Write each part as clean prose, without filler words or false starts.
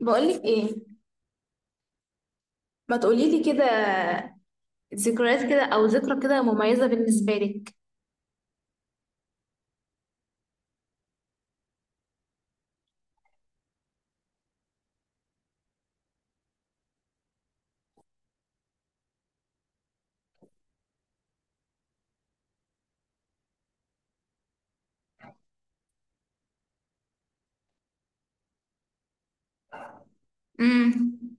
بقولك ايه، ما تقوليلي كده، ذكريات كده او ذكرى كده مميزة بالنسبة لك. امم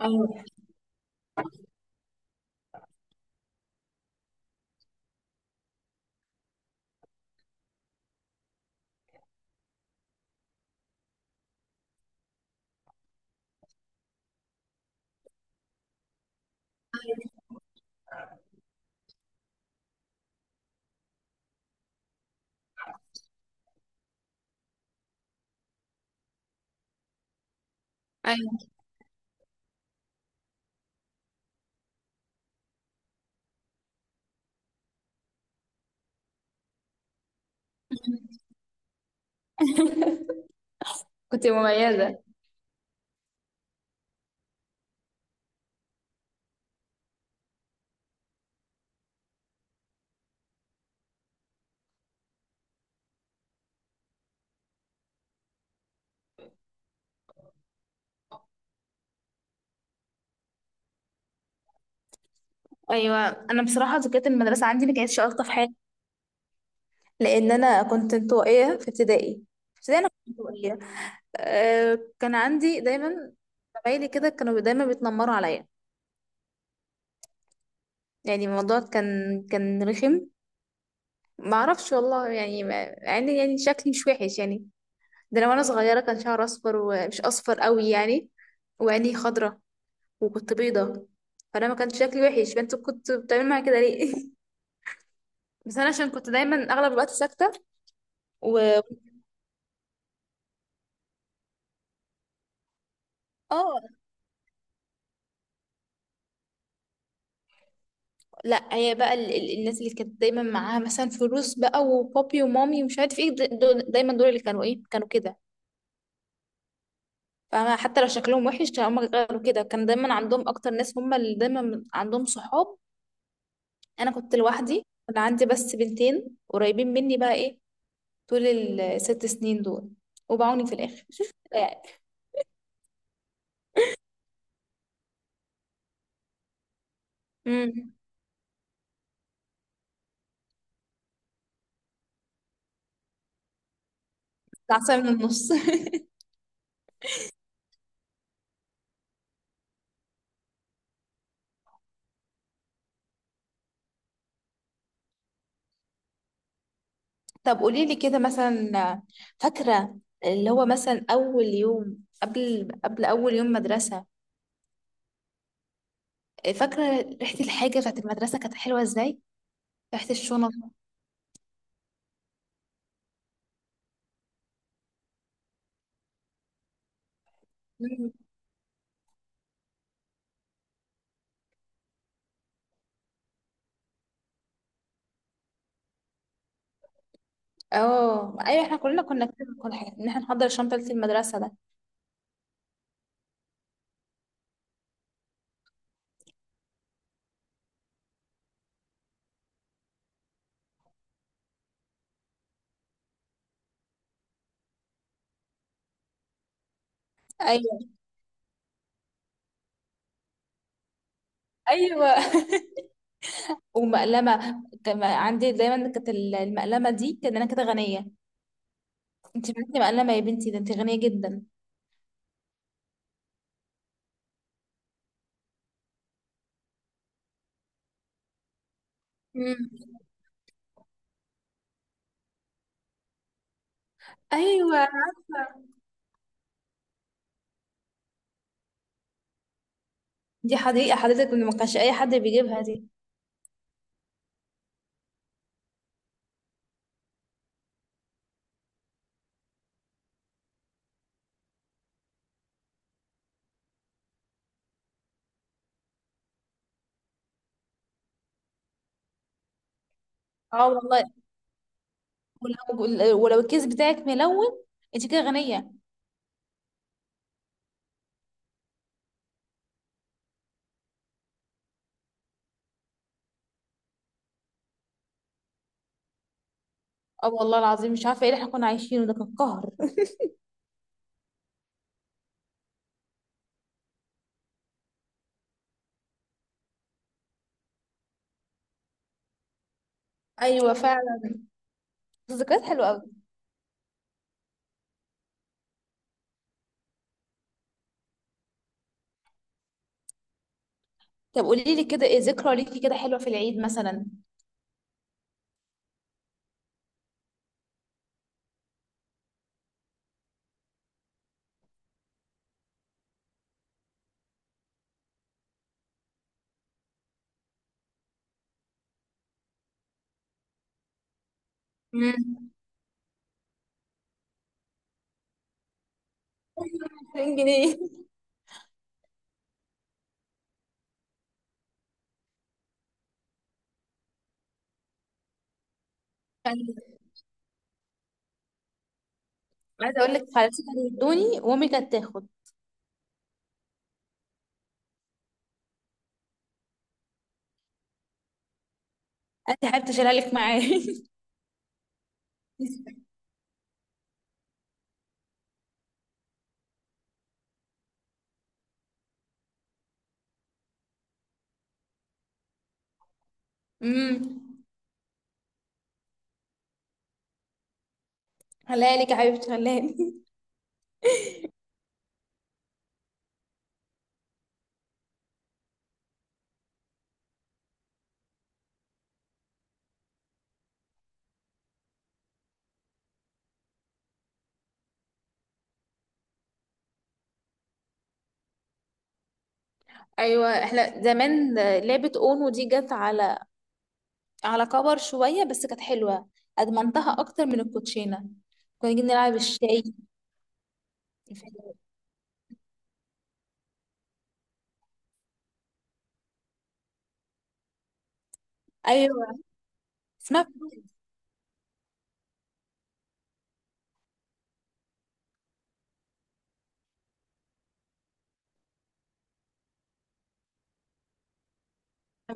ايوه. ايوه. كنت مميزة. ايوه، انا بصراحه ذكريات المدرسه عندي ما كانتش الطف حاجه، لان انا كنت انطوائيه في ابتدائي. في ابتدائي انا كنت انطوائيه. أه، كان عندي دايما زمايلي كده كانوا دايما بيتنمروا عليا. يعني الموضوع كان، كان رخم. ما اعرفش والله، يعني يعني شكلي مش وحش يعني. ده انا وانا صغيره كان شعري اصفر ومش اصفر قوي يعني، وعيني خضرة، وكنت بيضة. فانا ما كانش شكلي وحش، فانت كنت بتعمل معايا كده ليه؟ بس انا عشان كنت دايما اغلب الوقت ساكته. و اه، لا هي بقى الناس اللي كانت دايما معاها مثلا فلوس بقى وبابي ومامي ومش عارف ايه، دول دايما، دول اللي كانوا ايه، كانوا كده. فاهمة؟ حتى لو شكلهم وحش كانوا هم غيروا كده، كان دايما عندهم اكتر ناس، هم اللي دايما عندهم صحاب. انا كنت لوحدي، كان عندي بس بنتين قريبين مني بقى ايه، طول الست سنين دول، وبعوني في الآخر يعني. امم. العصاية من النص. طب قولي لي كده مثلا، فاكرة اللي هو مثلا أول يوم، قبل أول يوم مدرسة، فاكرة ريحة الحاجة بتاعت المدرسة كانت حلوة ازاي؟ ريحة الشنط. مم. اه ايوه، احنا كلنا كنا كده، كل حاجة ان احنا نحضر شنطة المدرسة ده. ايوه. ايوه. ومقلمة كان عندي دايما، كانت المقلمة دي كان انا كده غنية. انت معاكي مقلمة يا بنتي؟ ده انت غنية جدا. مم. ايوه عارفه، دي حديقه حضرتك، إن ما كانش اي حد بيجيبها دي. اه والله. ولو الكيس بتاعك ملون انت كده غنيه. اه والله العظيم مش عارفه ايه اللي احنا كنا عايشينه، ده كان قهر. ايوه فعلا، ذكريات حلوه قوي. طب قولي لي كده، ايه ذكرى ليكي كده حلوه في العيد مثلا؟ امم، 2000 جنيه. كان- عايزه اقول لك خالتي كانوا يدوني وامي كانت تاخد، انت حابه تشيلها لك معايا؟ امم، خليها لك يا حبيبتي، خليها لي. ايوه احنا زمان، لعبة اونو دي جت على على كبر شوية بس كانت حلوة، ادمنتها اكتر من الكوتشينة. كنا نيجي نلعب الشاي. ايوه اسمها فلوس.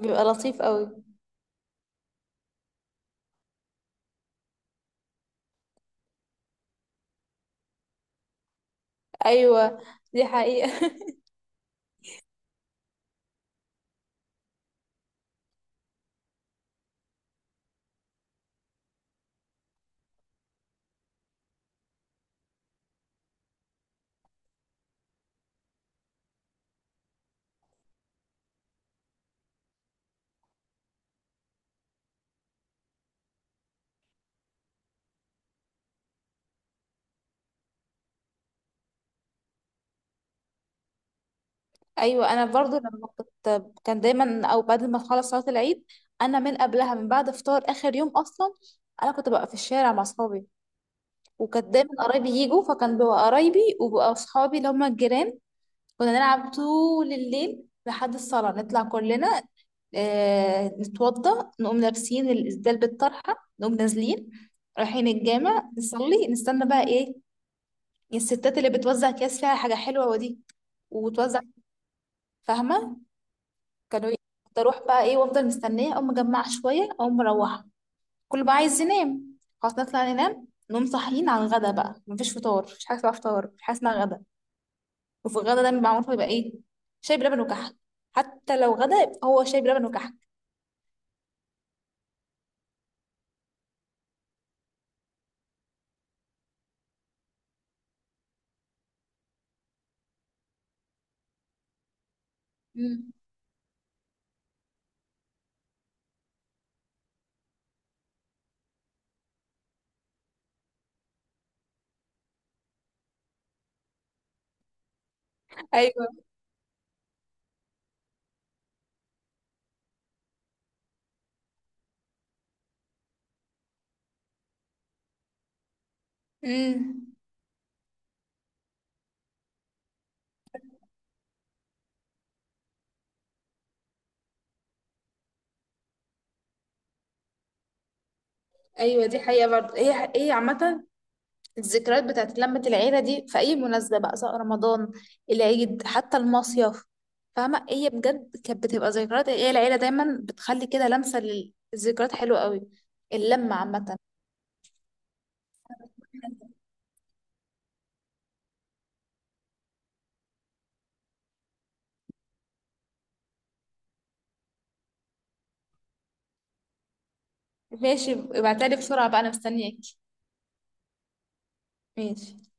بيبقى لطيف قوي. ايوه دي حقيقة. ايوه انا برضو لما كنت، كان دايما او بعد ما تخلص صلاة العيد، انا من قبلها من بعد فطار اخر يوم اصلا انا كنت ببقى في الشارع مع اصحابي. وكانت دايما قرايبي يجوا، فكان بيبقى قرايبي وبقى اصحابي اللي هم الجيران. كنا نلعب طول الليل لحد الصلاة نطلع كلنا، آه نتوضى نقوم لابسين الإسدال بالطرحة، نقوم نازلين رايحين الجامع نصلي، نستنى بقى إيه، الستات اللي بتوزع أكياس فيها حاجة حلوة ودي وتوزع، فاهمة؟ كانوا ي- كنت أروح بقى إيه وأفضل مستنية، أقوم مجمعة شوية أقوم مروحة، كل بقى عايز ينام. خلاص نطلع ننام، نقوم صاحيين على الغدا بقى، مفيش فطار، مفيش حاجة اسمها فطار، مفيش حاجة اسمها غدا. وفي الغدا دايما معروف بيبقى ايه، شاي بلبن وكحك، حتى لو غدا يبقى هو شاي بلبن وكحك. مم. ايوه. امم. ايوه دي حقيقه برضه، هي هي عامه الذكريات بتاعت لمه العيله دي في اي مناسبه بقى، سواء رمضان، العيد، حتى المصيف. فاهمه؟ هي بجد كانت بتبقى ذكريات، هي العيله دايما بتخلي كده لمسه للذكريات حلوه قوي. اللمه عامه. ماشي، ابعتلي بسرعة بقى، انا مستنياك. ماشي.